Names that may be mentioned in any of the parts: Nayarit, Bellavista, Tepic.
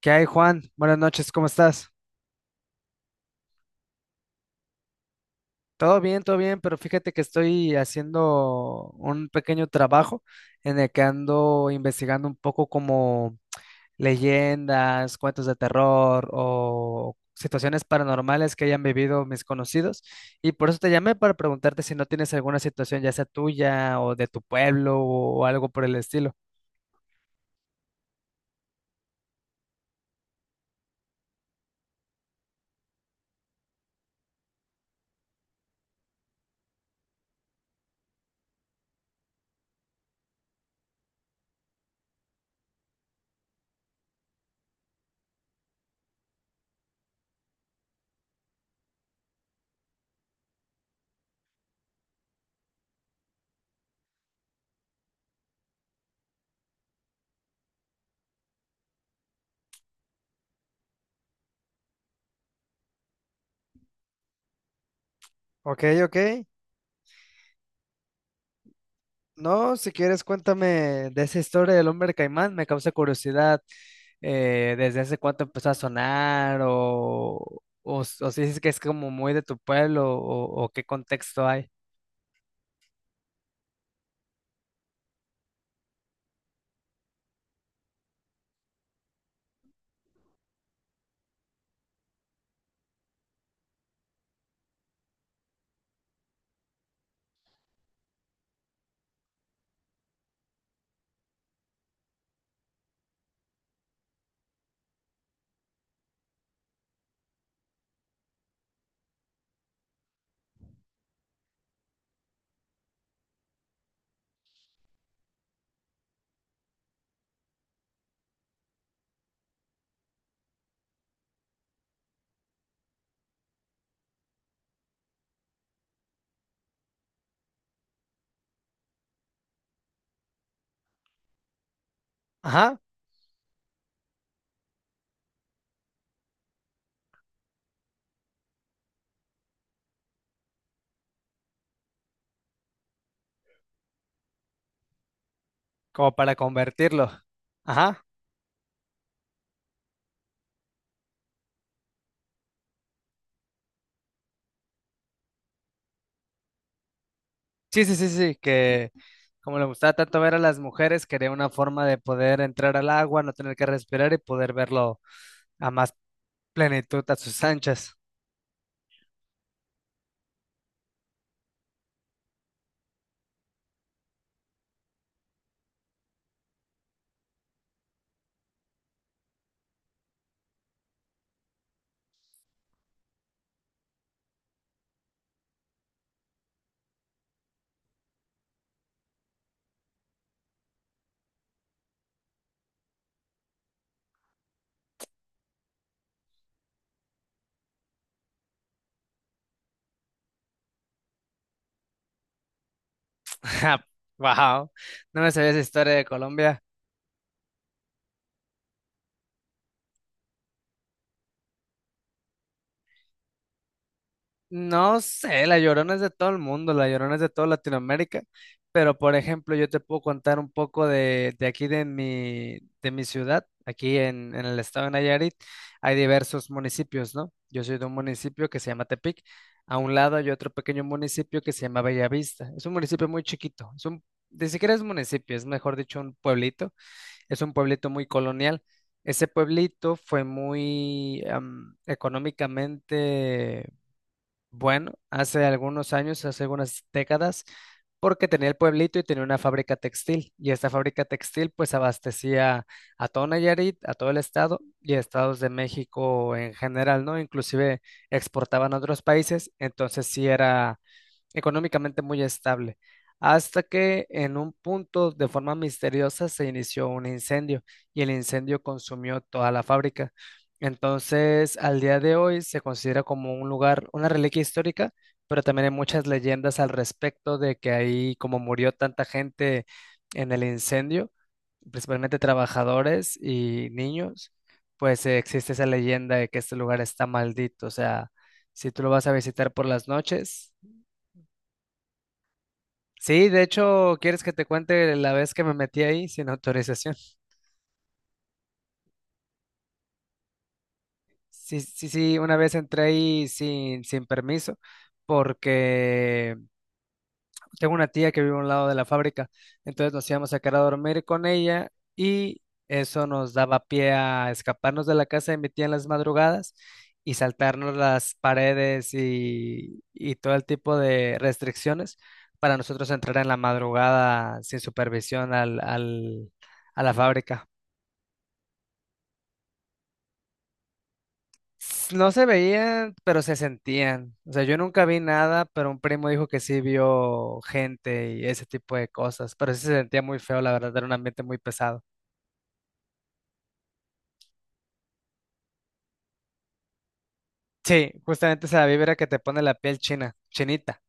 ¿Qué hay, Juan? Buenas noches, ¿cómo estás? Todo bien, pero fíjate que estoy haciendo un pequeño trabajo en el que ando investigando un poco como leyendas, cuentos de terror o situaciones paranormales que hayan vivido mis conocidos. Y por eso te llamé para preguntarte si no tienes alguna situación, ya sea tuya o de tu pueblo o algo por el estilo. Ok, ok. No, si quieres, cuéntame de esa historia del hombre caimán. Me causa curiosidad desde hace cuánto empezó a sonar o si es que es como muy de tu pueblo o qué contexto hay. Ajá, como para convertirlo. Ajá. Sí, sí, sí, sí, que como le gustaba tanto ver a las mujeres, quería una forma de poder entrar al agua, no tener que respirar y poder verlo a más plenitud a sus anchas. Wow, no me sabía esa historia de Colombia. No sé, la Llorona es de todo el mundo, la Llorona es de toda Latinoamérica, pero por ejemplo yo te puedo contar un poco de aquí de mi ciudad, aquí en el estado de Nayarit, hay diversos municipios, ¿no? Yo soy de un municipio que se llama Tepic. A un lado hay otro pequeño municipio que se llama Bellavista. Es un municipio muy chiquito, es un, ni siquiera es municipio, es mejor dicho un pueblito, es un pueblito muy colonial. Ese pueblito fue muy económicamente bueno, hace algunos años, hace algunas décadas, porque tenía el pueblito y tenía una fábrica textil. Y esta fábrica textil pues abastecía a todo Nayarit, a todo el estado y a estados de México en general, ¿no? Inclusive exportaban a otros países, entonces sí era económicamente muy estable, hasta que en un punto de forma misteriosa se inició un incendio y el incendio consumió toda la fábrica. Entonces, al día de hoy se considera como un lugar, una reliquia histórica, pero también hay muchas leyendas al respecto de que ahí, como murió tanta gente en el incendio, principalmente trabajadores y niños, pues existe esa leyenda de que este lugar está maldito, o sea, si tú lo vas a visitar por las noches. Sí, de hecho, ¿quieres que te cuente la vez que me metí ahí sin autorización? Sí, sí, sí, una vez entré ahí sin permiso porque tengo una tía que vive a un lado de la fábrica, entonces nos íbamos a quedar a dormir con ella y eso nos daba pie a escaparnos de la casa de mi tía en las madrugadas y saltarnos las paredes y todo el tipo de restricciones para nosotros entrar en la madrugada sin supervisión a la fábrica. S- No se veían, pero se sentían. O sea, yo nunca vi nada, pero un primo dijo que sí vio gente y ese tipo de cosas. Pero sí se sentía muy feo, la verdad, era un ambiente muy pesado. Sí, justamente esa vibra que te pone la piel china, chinita.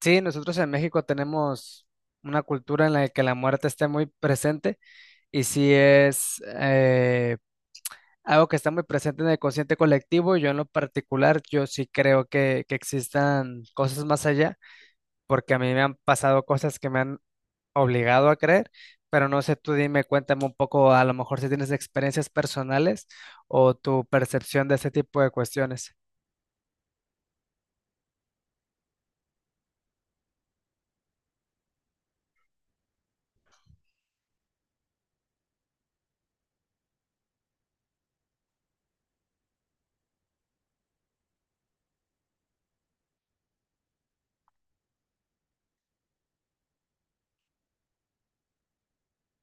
Sí, nosotros en México tenemos una cultura en la que la muerte está muy presente y sí es algo que está muy presente en el consciente colectivo. Yo en lo particular, yo sí creo que existan cosas más allá, porque a mí me han pasado cosas que me han obligado a creer, pero no sé, tú dime, cuéntame un poco, a lo mejor si tienes experiencias personales o tu percepción de ese tipo de cuestiones.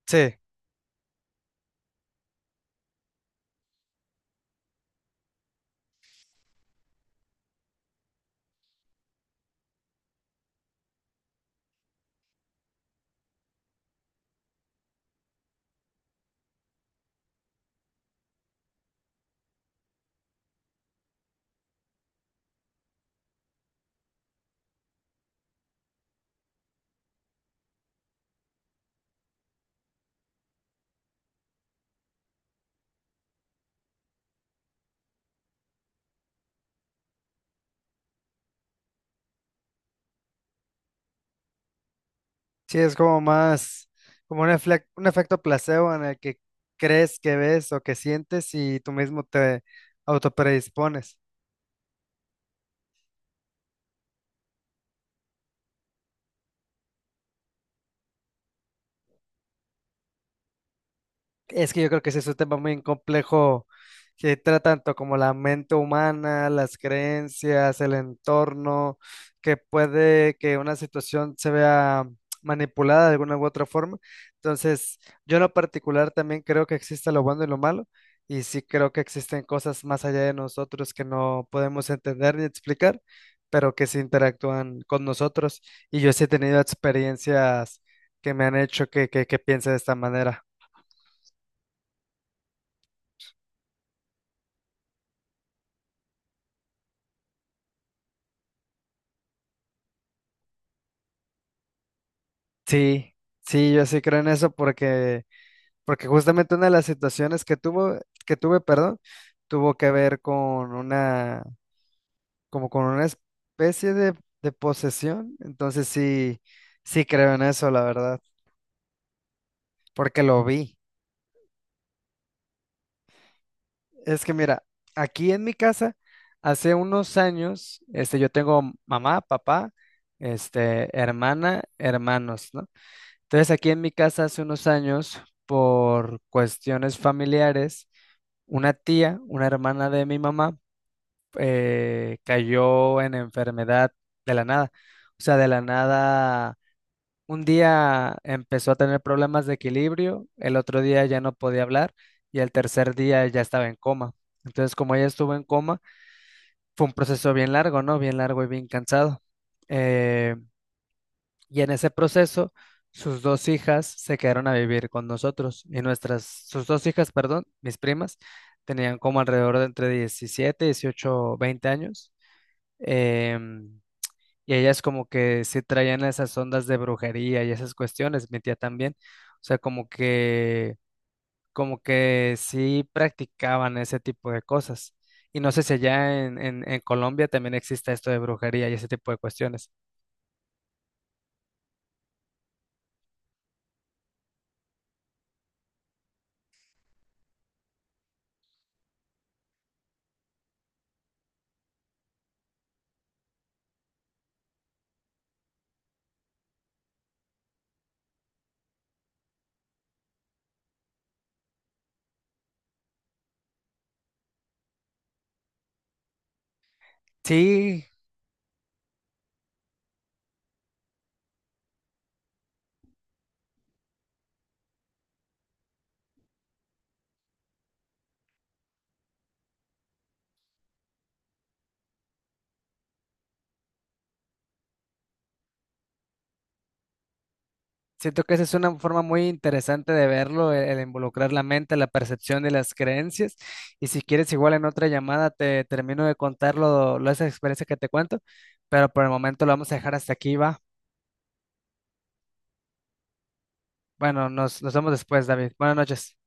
Sí, sí, es como más, como un, un efecto placebo en el que crees que ves o que sientes y tú mismo te autopredispones. Es que yo creo que ese es un tema muy complejo que trata tanto como la mente humana, las creencias, el entorno, que puede que una situación se vea manipulada de alguna u otra forma. Entonces, yo en lo particular también creo que existe lo bueno y lo malo, y sí creo que existen cosas más allá de nosotros que no podemos entender ni explicar, pero que se interactúan con nosotros. Y yo sí he tenido experiencias que me han hecho que piense de esta manera. Sí, sí, yo sí creo en eso porque justamente una de las situaciones que tuve, perdón, tuvo que ver con una, como con una especie de posesión. Entonces sí, sí creo en eso, la verdad, porque lo vi. Es que mira, aquí en mi casa, hace unos años, yo tengo mamá, papá, hermana, hermanos, ¿no? Entonces aquí en mi casa hace unos años, por cuestiones familiares, una tía, una hermana de mi mamá, cayó en enfermedad de la nada. O sea, de la nada, un día empezó a tener problemas de equilibrio, el otro día ya no podía hablar y el tercer día ya estaba en coma. Entonces, como ella estuvo en coma, fue un proceso bien largo, ¿no? Bien largo y bien cansado. Em, y en ese proceso, sus dos hijas se quedaron a vivir con nosotros sus dos hijas, perdón, mis primas, tenían como alrededor de entre 17, 18, 20 años. em, y ellas como que sí traían esas ondas de brujería y esas cuestiones, mi tía también. O sea, como que sí practicaban ese tipo de cosas. Y no sé si allá en Colombia también existe esto de brujería y ese tipo de cuestiones. Sí, siento que esa es una forma muy interesante de verlo, el involucrar la mente, la percepción y las creencias. Y si quieres, igual en otra llamada te termino de contar esa experiencia que te cuento, pero por el momento lo vamos a dejar hasta aquí, va. Bueno, nos vemos después, David. Buenas noches.